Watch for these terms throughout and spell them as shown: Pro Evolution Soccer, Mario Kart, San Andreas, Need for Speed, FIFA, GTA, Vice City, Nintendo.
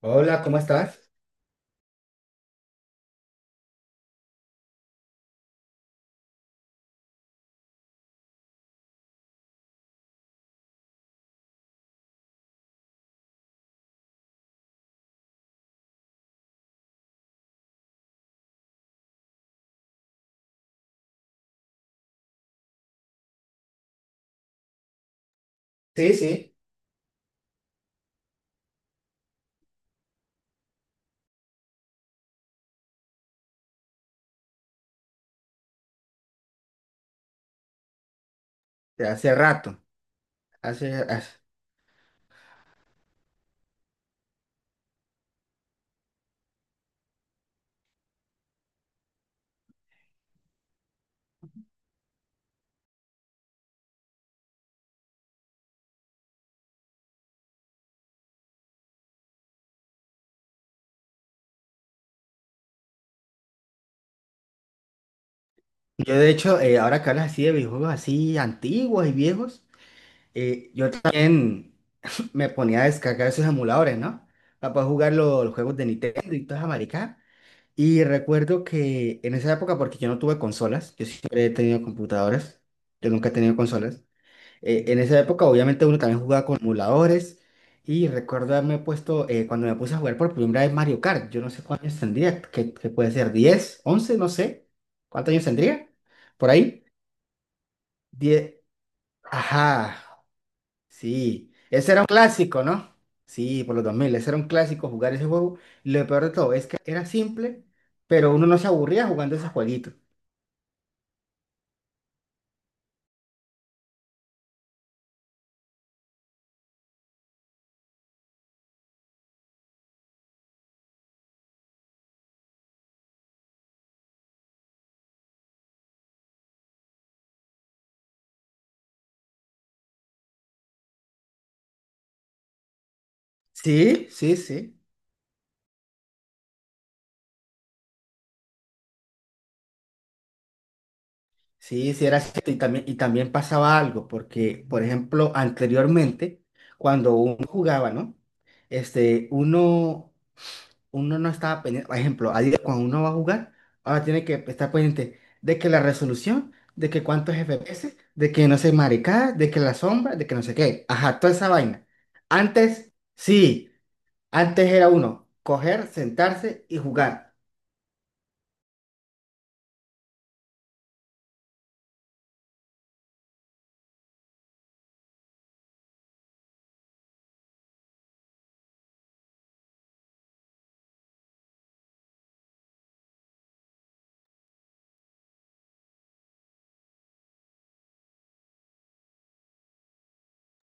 Hola, ¿cómo estás? Sí, sí, de hace rato. Hace, hace- Yo de hecho, ahora que hablas así de videojuegos así antiguos y viejos, yo también me ponía a descargar esos emuladores, ¿no? Para poder jugar los juegos de Nintendo y todas América. Y recuerdo que en esa época, porque yo no tuve consolas, yo siempre he tenido computadoras, yo nunca he tenido consolas. En esa época, obviamente, uno también jugaba con emuladores. Y recuerdo haberme puesto, cuando me puse a jugar por primera vez Mario Kart, yo no sé cuántos años tendría, que puede ser 10, 11, no sé. ¿Cuántos años tendría? Por ahí. 10. Ajá, sí. Ese era un clásico, ¿no? Sí, por los 2000. Ese era un clásico jugar ese juego. Y lo peor de todo es que era simple, pero uno no se aburría jugando ese jueguito. Sí, sí, sí. Sí, sí, era cierto. Y también, pasaba algo, porque, por ejemplo, anteriormente, cuando uno jugaba, ¿no? Este, uno no estaba pendiente, por ejemplo, a cuando uno va a jugar, ahora tiene que estar pendiente de que la resolución, de que cuántos FPS, de que no sé, maricada, de que la sombra, de que no sé qué. Ajá, toda esa vaina. Antes, sí, antes era uno, coger, sentarse y jugar.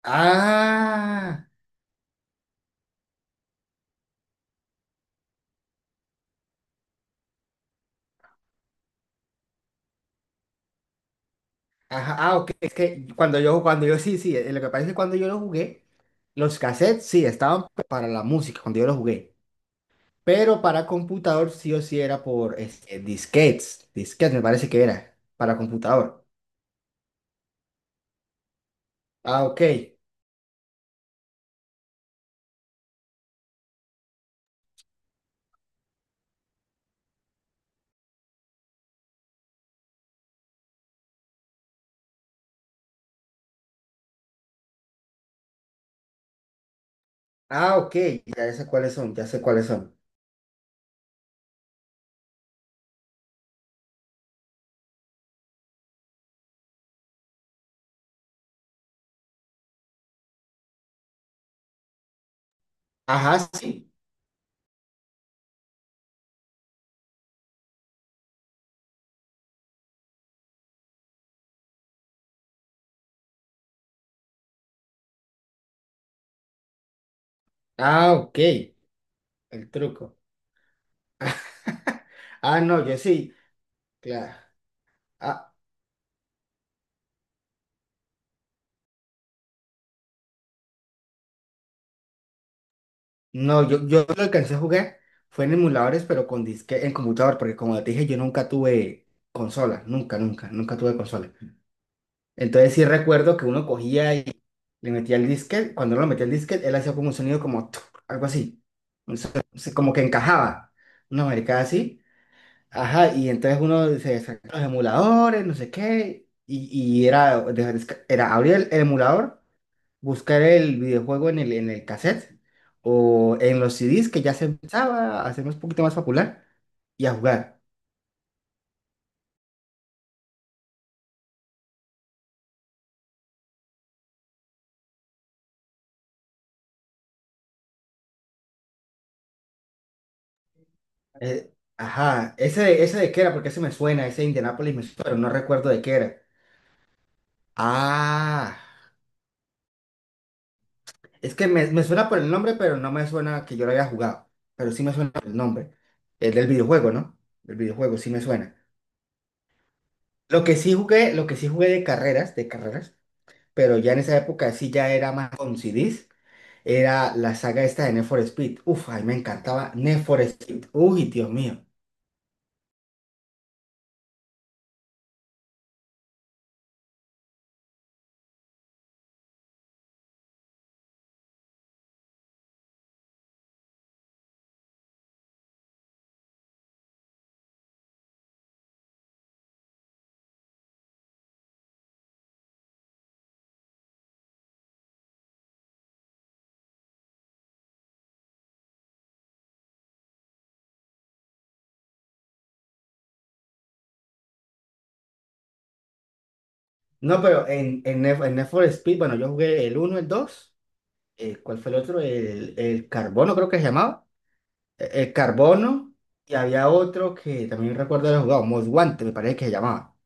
Ah. Ajá, ah, ok, es que cuando yo, sí, sí, lo que pasa es que cuando yo lo jugué, los cassettes sí estaban para la música, cuando yo lo jugué, pero para computador sí o sí era por este, disquetes me parece que era, para computador. Ah, ok, ah, ok, ya sé cuáles son, ya sé cuáles son. Ajá, sí, ah, ok, el truco. Ah, no, yo sí, claro. Ah, no, yo lo alcancé a jugar, fue en emuladores, pero con disque en computador, porque como te dije, yo nunca tuve consola, nunca, nunca, nunca tuve consola. Entonces sí recuerdo que uno cogía y le metía el disquete, cuando uno lo metía el disquete, él hacía como un sonido como tuc, algo así, un so- como que encajaba, una maricada así, ajá, y entonces uno se descargaba los emuladores, no sé qué, y era, era abrir el emulador, buscar el videojuego en el cassette o en los CDs, que ya se empezaba a hacer un poquito más popular, y a jugar. Ajá, ese de qué era, porque ese me suena, ese de Indianapolis me suena, pero no recuerdo de qué era. Ah, es que me suena por el nombre, pero no me suena que yo lo haya jugado, pero sí me suena por el nombre. El del videojuego, ¿no? El videojuego sí me suena. Lo que sí jugué de carreras, pero ya en esa época sí ya era más con CDs. Era la saga esta de Need for Speed. Uf, a mí me encantaba Need for Speed. Uy, Dios mío. No, pero en Need for Speed, bueno, yo jugué el uno, el 2, ¿cuál fue el otro? El Carbono, creo que se llamaba. El Carbono. Y había otro que también recuerdo haber jugado, Most Wanted, me parece que se llamaba.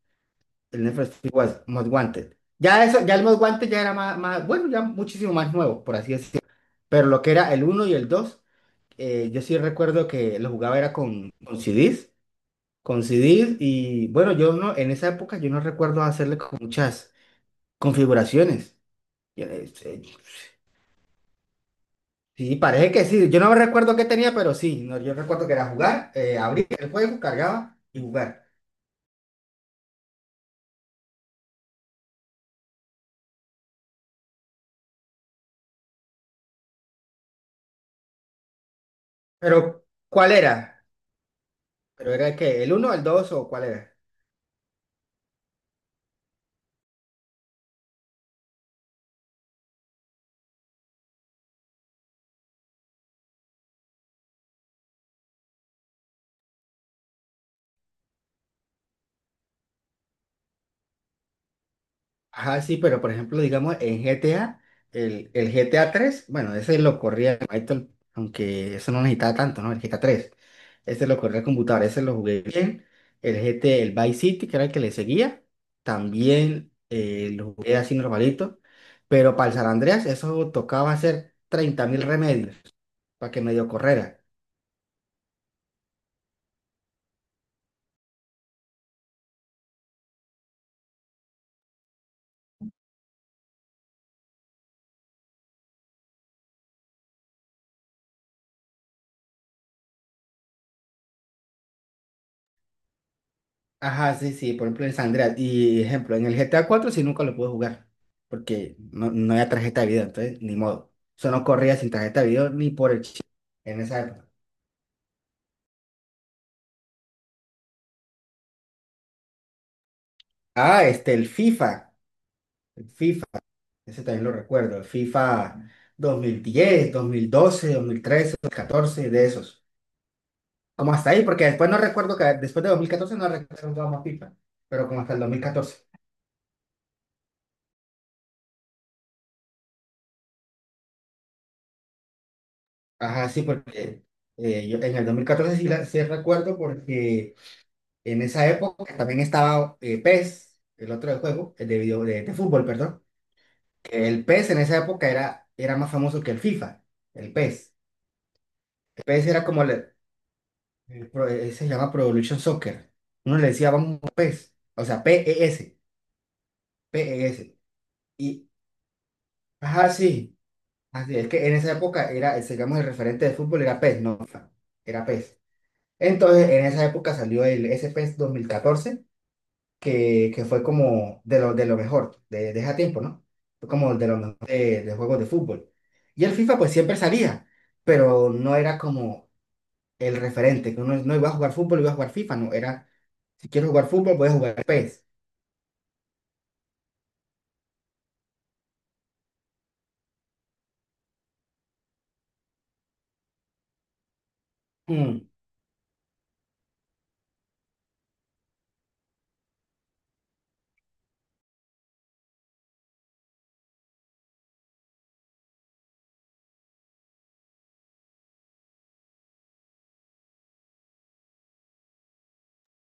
El Need for Speed was Most Wanted. Ya, eso, ya el Most Wanted ya era más, bueno, ya muchísimo más nuevo, por así decirlo. Pero lo que era el uno y el 2, yo sí recuerdo que lo jugaba era con CDs. Con CDs, y bueno, yo no, en esa época yo no recuerdo hacerle con muchas configuraciones. Y, eh, eh, Sí, parece que sí. Yo no recuerdo qué tenía, pero sí. No, yo recuerdo que era jugar, abrir el juego, cargaba y jugar. Pero, ¿cuál era? ¿Pero era el qué? ¿El uno, el dos, o cuál era? Ajá, sí, pero por ejemplo, digamos, en GTA, el GTA tres, bueno, ese lo corría el Python, aunque eso no necesitaba tanto, ¿no? El GTA tres, ese lo corría el computador, ese lo jugué bien. El Vice City, que era el que le seguía, también lo jugué así normalito. Pero para el San Andreas, eso tocaba hacer 30,000 remedios para que medio correra. Ajá, sí, sí, por ejemplo en San Andreas. Y ejemplo, en el GTA 4 sí nunca lo pude jugar, porque no había tarjeta de video, entonces ni modo. Eso no corría sin tarjeta de video ni por el chip en esa época. Ah, este, el FIFA, ese también lo recuerdo, el FIFA dos, dos, dos mil, mil, mil diez, doce, trece, 2014, de esos. Como hasta ahí, porque después no recuerdo que, después de 2014 no recuerdo que más FIFA, pero como hasta el 2014. Ajá, sí, porque yo en el 2014 sí, sí recuerdo, porque en esa época también estaba, PES, el otro de juego, el de video, de fútbol, perdón. Que el PES en esa época era más famoso que el FIFA, el PES. El PES era como, se llama Pro Evolution Soccer. Uno le decía, vamos, PES, o sea, p p e s, P e s. Y, ajá, sí, así es que en esa época era, digamos, el referente de fútbol era PES, no FIFA, era PES. Entonces, en esa época salió el S pes 2014, que fue como de de lo mejor, de ese tiempo, ¿no? Fue como de lo mejor de juegos de fútbol. Y el FIFA pues siempre salía, pero no era como el referente, que uno no iba a jugar fútbol, iba a jugar FIFA, no, era, si quiero jugar fútbol, voy a jugar PES. Mm,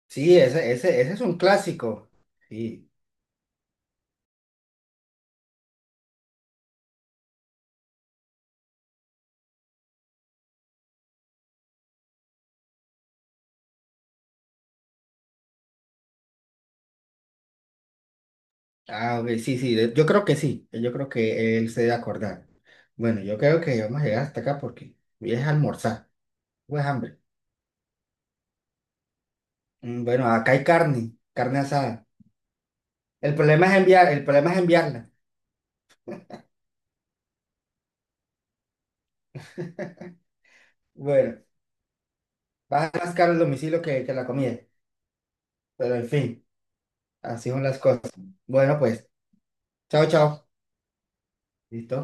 sí, ese es un clásico. Sí, a ver, sí, sí, yo creo que sí, yo creo que él se debe acordar. Bueno, yo creo que vamos a llegar hasta acá porque voy a almorzar, pues hambre. Mm, bueno, acá hay carne, carne asada. El problema es enviarla. Bueno, baja más caro el domicilio que la comida. Pero en fin, así son las cosas. Bueno, pues, chao, chao. Listo.